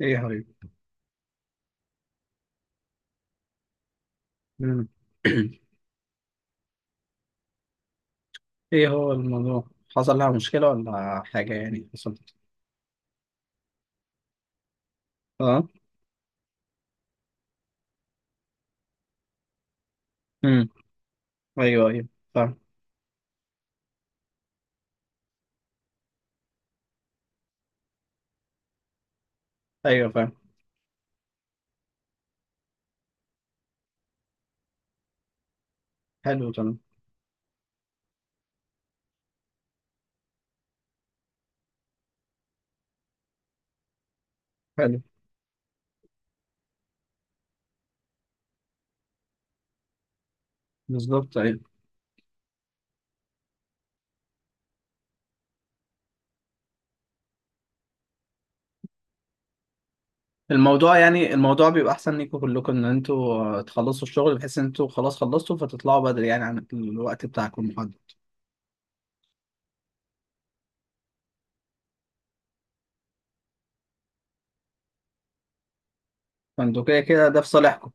ايه يا حبيبي. مم. ايه هو الموضوع؟ حصل لها مشكلة ولا حاجة؟ يعني حصلت. اه. امم. ايوه ايوه، فاهم. ايوه فاهم. حلو تمام. حلو. بالظبط، ايوه. الموضوع، يعني الموضوع بيبقى احسن ليكوا كلكم ان انتوا تخلصوا الشغل، بحيث ان انتوا خلاص خلصتوا فتطلعوا بدري، يعني عن الوقت بتاعكم المحدد. فانتوا كده كده ده في صالحكم.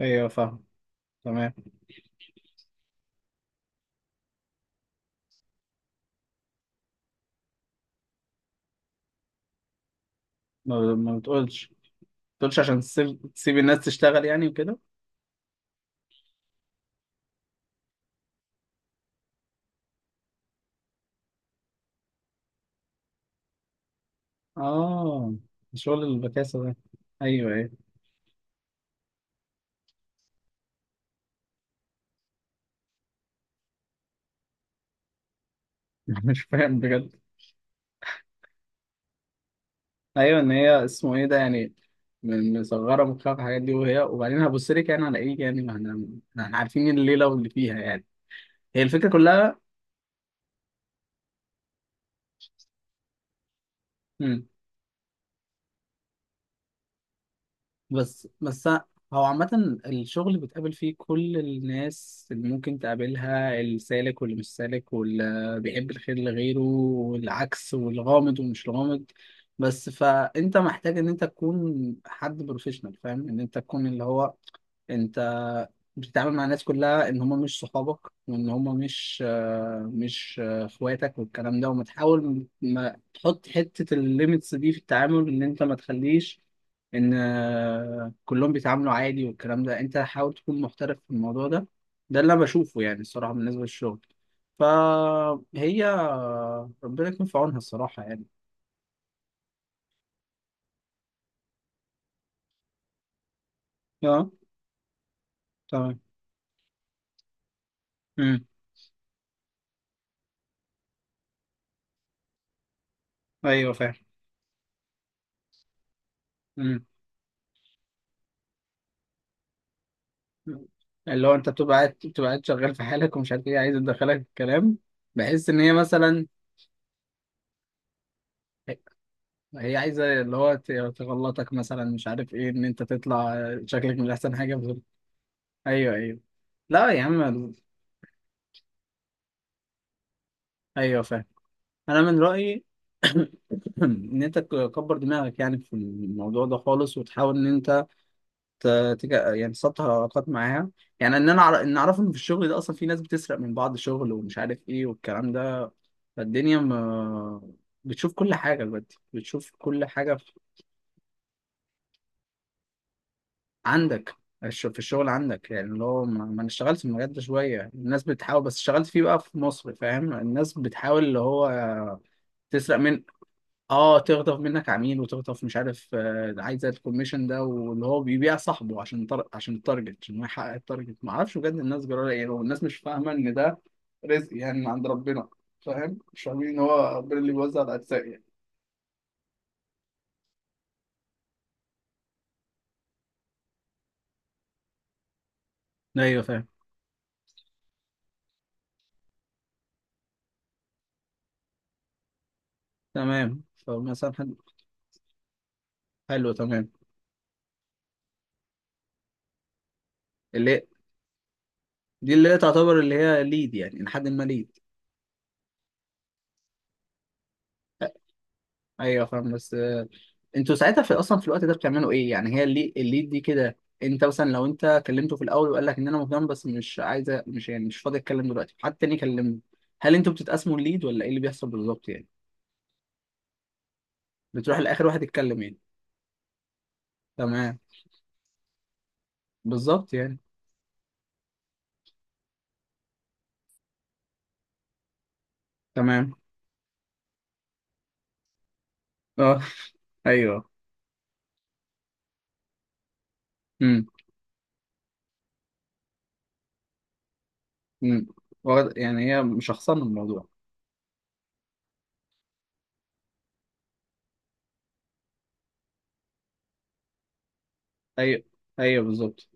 ايوه فاهم. تمام. ما بتقولش عشان تسيب الناس تشتغل يعني وكده. اه. شغل البكاسة ده. ايوه ايوه. مش فاهم بجد. ايوه، ان هي اسمه ايه ده يعني. مصغره مخها في الحاجات دي، وهي وبعدين هبص لك يعني على ايه؟ يعني ما احنا عارفين الليله واللي فيها يعني. هي الفكره كلها. مم. بس بس. هو عامة الشغل بتقابل فيه كل الناس اللي ممكن تقابلها، السالك واللي مش سالك، واللي بيحب الخير لغيره والعكس، والغامض ومش غامض. بس فأنت محتاج إن أنت تكون حد بروفيشنال، فاهم، إن أنت تكون اللي هو، انت بتتعامل مع الناس كلها ان هم مش صحابك، وان هم مش آه، مش آه، اخواتك والكلام ده، وما تحاول ما تحط حتة الليميتس دي في التعامل، ان انت ما تخليش ان كلهم بيتعاملوا عادي والكلام ده. انت حاول تكون محترف في الموضوع ده. ده اللي انا بشوفه يعني الصراحه بالنسبه للشغل. فهي ربنا يكون في عونها الصراحه يعني. اه. تمام. امم. ايوه فاهم. امم. اللي هو انت بتبقى قاعد شغال في حالك، ومش عارف ايه عايزه تدخلك الكلام. بحس ان هي مثلا هي عايزه اللي هو تغلطك مثلا، مش عارف ايه، ان انت تطلع شكلك مش احسن حاجه بزر. ايوه ايوه. لا يا عم. ايوه فاهم. انا من رايي. ان انت تكبر دماغك يعني في الموضوع ده خالص، وتحاول ان انت يعني تسطح علاقات معاها. يعني ان انا ان اعرف ان في الشغل ده اصلا في ناس بتسرق من بعض شغل، ومش عارف ايه والكلام ده. فالدنيا ما... بتشوف كل حاجه دلوقتي، بتشوف كل حاجه عندك. في الشغل عندك، يعني اللي هو ما ما انا اشتغلت في المجال ده شويه، الناس بتحاول، بس اشتغلت فيه بقى في مصر، فاهم، الناس بتحاول اللي هو تسرق منك. اه. تغضب منك عميل، وتغضب مش عارف عايز الكوميشن ده، واللي هو بيبيع صاحبه عشان عشان التارجت، عشان هو يحقق التارجت. ما اعرفش بجد الناس جرالها ايه، لو الناس مش فاهمه ان ده رزق يعني من عند ربنا، فاهم، مش فاهمين ان هو ربنا اللي بيوزع الارزاق يعني. ايوه فاهم. تمام. فمثلا حد. حلو تمام. اللي دي اللي هي تعتبر اللي هي ليد يعني، لحد ما ليد. ايوه فاهم بس انتوا ساعتها في اصلا في الوقت ده بتعملوا ايه يعني؟ هي اللي الليد دي كده، انت مثلا لو انت كلمته في الاول وقال لك ان انا مهتم، بس مش عايزه، مش يعني مش فاضي اتكلم دلوقتي، حد تاني كلمني. هل انتوا بتتقسموا الليد، ولا ايه اللي بيحصل بالظبط يعني؟ بتروح لاخر واحد يتكلم يعني. تمام بالظبط يعني. تمام. اه. ايوه. امم. امم. يعني هي مشخصنه الموضوع. ايوه ايوه بالظبط.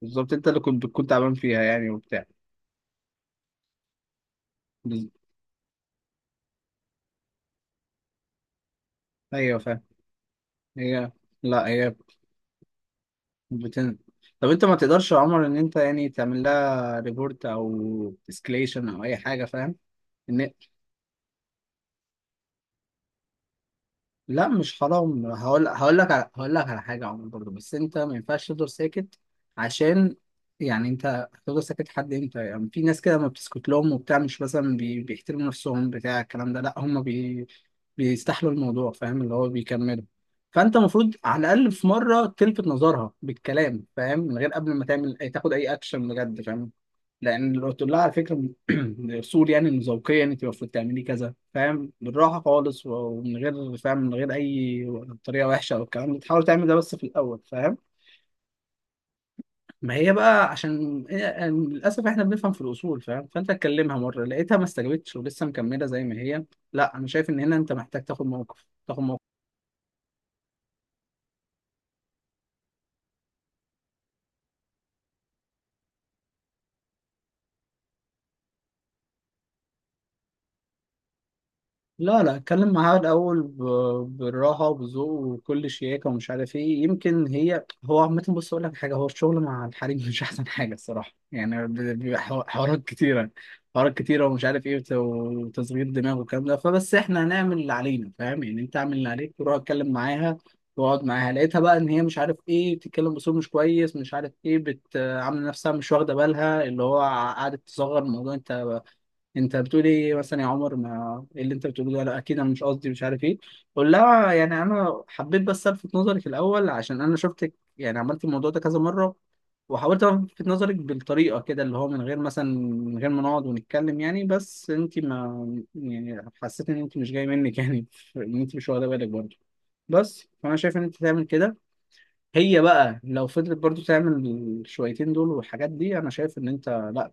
بالظبط انت اللي كنت بتكون تعبان فيها يعني وبتاع. بز- ايوه فاهم. هي، لا هي بتن... طب انت ما تقدرش يا عمر ان انت يعني تعمل لها ريبورت او اسكليشن او اي حاجه، فاهم؟ ان لا مش حرام. هقول هقول لك على... هقول لك على حاجه يا عمر برضه، بس انت ما ينفعش تفضل ساكت. عشان يعني انت هتفضل ساكت لحد امتى؟ يعني في ناس كده ما بتسكت لهم وبتاع، مش مثلا بيحترموا نفسهم بتاع الكلام ده، لا هم بيستحلوا الموضوع، فاهم، اللي هو بيكملوا. فانت المفروض على الاقل في مره تلفت نظرها بالكلام، فاهم، من غير قبل ما تعمل تاخد اي اكشن بجد فاهم. لان لو قلت لها على فكره الاصول يعني، إن ذوقيا يعني انت المفروض تعملي كذا، فاهم، بالراحه خالص، ومن غير، فاهم، من غير اي طريقه وحشه او الكلام ده، تحاول تعمل ده بس في الاول فاهم. ما هي بقى عشان يعني للاسف احنا بنفهم في الاصول، فاهم، فانت اتكلمها مره لقيتها ما استجابتش ولسه مكمله زي ما هي. لا انا شايف ان هنا انت محتاج تاخد موقف، تاخد موقف. لا لا اتكلم معاها الأول، بالراحة وبذوق وكل شياكة ومش عارف ايه. يمكن هي هو عامة، بص أقول لك حاجة، هو الشغل مع الحريم مش أحسن حاجة الصراحة، يعني بيبقى حوارات كتيرة، حوارات كتيرة ومش عارف ايه وتصغير دماغ والكلام ده. فبس احنا هنعمل اللي علينا فاهم. يعني أنت اعمل اللي عليك، وروح اتكلم معاها واقعد معاها. لقيتها بقى إن هي مش عارف ايه، بتتكلم بصوت مش كويس، مش عارف ايه عاملة نفسها مش واخدة بالها، اللي هو قعدت تصغر الموضوع. أنت، انت بتقول ايه مثلا يا عمر؟ ما ايه اللي انت بتقوله ده؟ لا اكيد انا مش قصدي مش عارف ايه. قول لها يعني انا حبيت بس الفت نظرك الاول، عشان انا شفتك يعني عملت الموضوع ده كذا مره، وحاولت الفت نظرك بالطريقه كده اللي هو من غير مثلا، من غير ما نقعد ونتكلم يعني، بس انت ما يعني، حسيت ان انت مش جاي منك يعني ان انت مش واخده بالك برضه. بس فانا شايف ان انت تعمل كده. هي بقى لو فضلت برضو تعمل الشويتين دول والحاجات دي، انا شايف ان انت لا،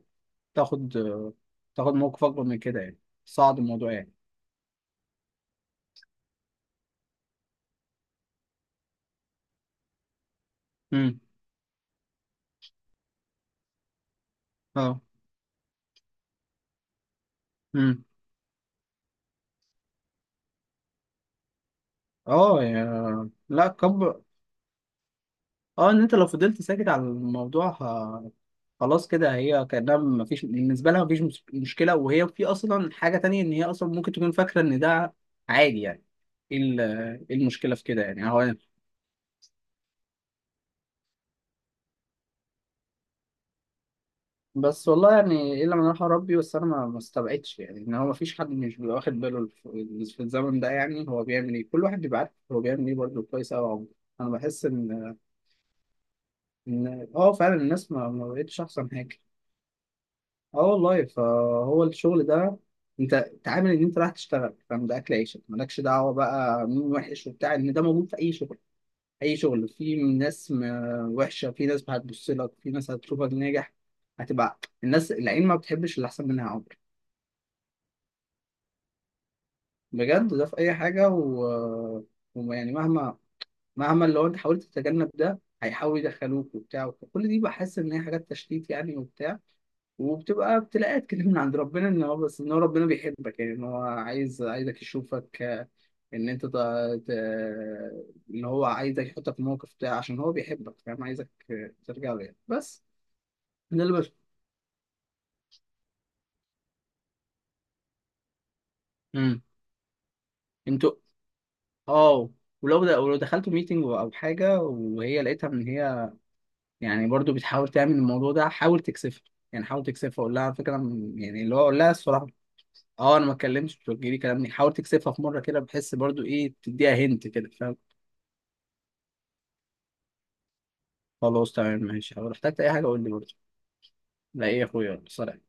تاخد تاخد موقف اكبر من كده يعني. صعد الموضوع يعني. امم. اه. امم. اه يا لا كبر. اه ان انت لو فضلت ساكت على الموضوع خلاص كده هي كانها مفيش، بالنسبه لها مفيش مشكله، وهي في اصلا حاجه تانية، ان هي اصلا ممكن تكون فاكره ان ده عادي يعني. ايه ال- إيه المشكله في كده يعني هو. بس والله يعني الا من راح ربي، بس انا ما ما استبعدش يعني، ان هو ما فيش حد مش بيبقى واخد باله في الزمن ده، يعني هو بيعمل ايه، كل واحد بيبقى عارف هو بيعمل ايه برضه كويس قوي عمره. انا بحس ان، اه فعلا الناس ما بقتش احسن حاجه. اه والله. فهو الشغل ده، انت تعامل ان انت رايح تشتغل، فاهم، ده اكل عيشك مالكش دعوه بقى مين وحش وبتاع. ان ده موجود في اي شغل، اي شغل في ناس وحشه، في ناس هتبص لك، في ناس هتشوفك ناجح. هتبقى الناس، العين ما بتحبش اللي احسن منها عمر. بجد ده في اي حاجه و... ويعني مهما مهما لو انت حاولت تتجنب ده، هيحاول يدخلوك وبتاع. كل دي بحس ان هي حاجات تشتيت يعني وبتاع، وبتبقى ابتلاءات كده من عند ربنا، ان هو بس ان هو ربنا بيحبك يعني، ان هو عايزك يشوفك ان انت ت... ان هو عايزك يحطك في موقف بتاع، عشان هو بيحبك فاهم، عايزك ترجع له يعني بس. ده اللي بس. امم. انتوا، اه، ولو ده، ولو دخلتوا ميتنج او حاجه وهي لقيتها ان هي يعني برضو بتحاول تعمل الموضوع ده، حاول تكسفها. يعني حاول تكسفها، قول لها على فكره يعني اللي هو قول لها الصراحه اه انا ما اتكلمتش، بتوجهلي كلامني، حاول تكسفها في مره كده، بحس برضو ايه تديها هنت كده فاهم. خلاص تمام ماشي، لو احتجت اي حاجه قول لي برضو. لا ايه يا اخويا، يلا، سلام.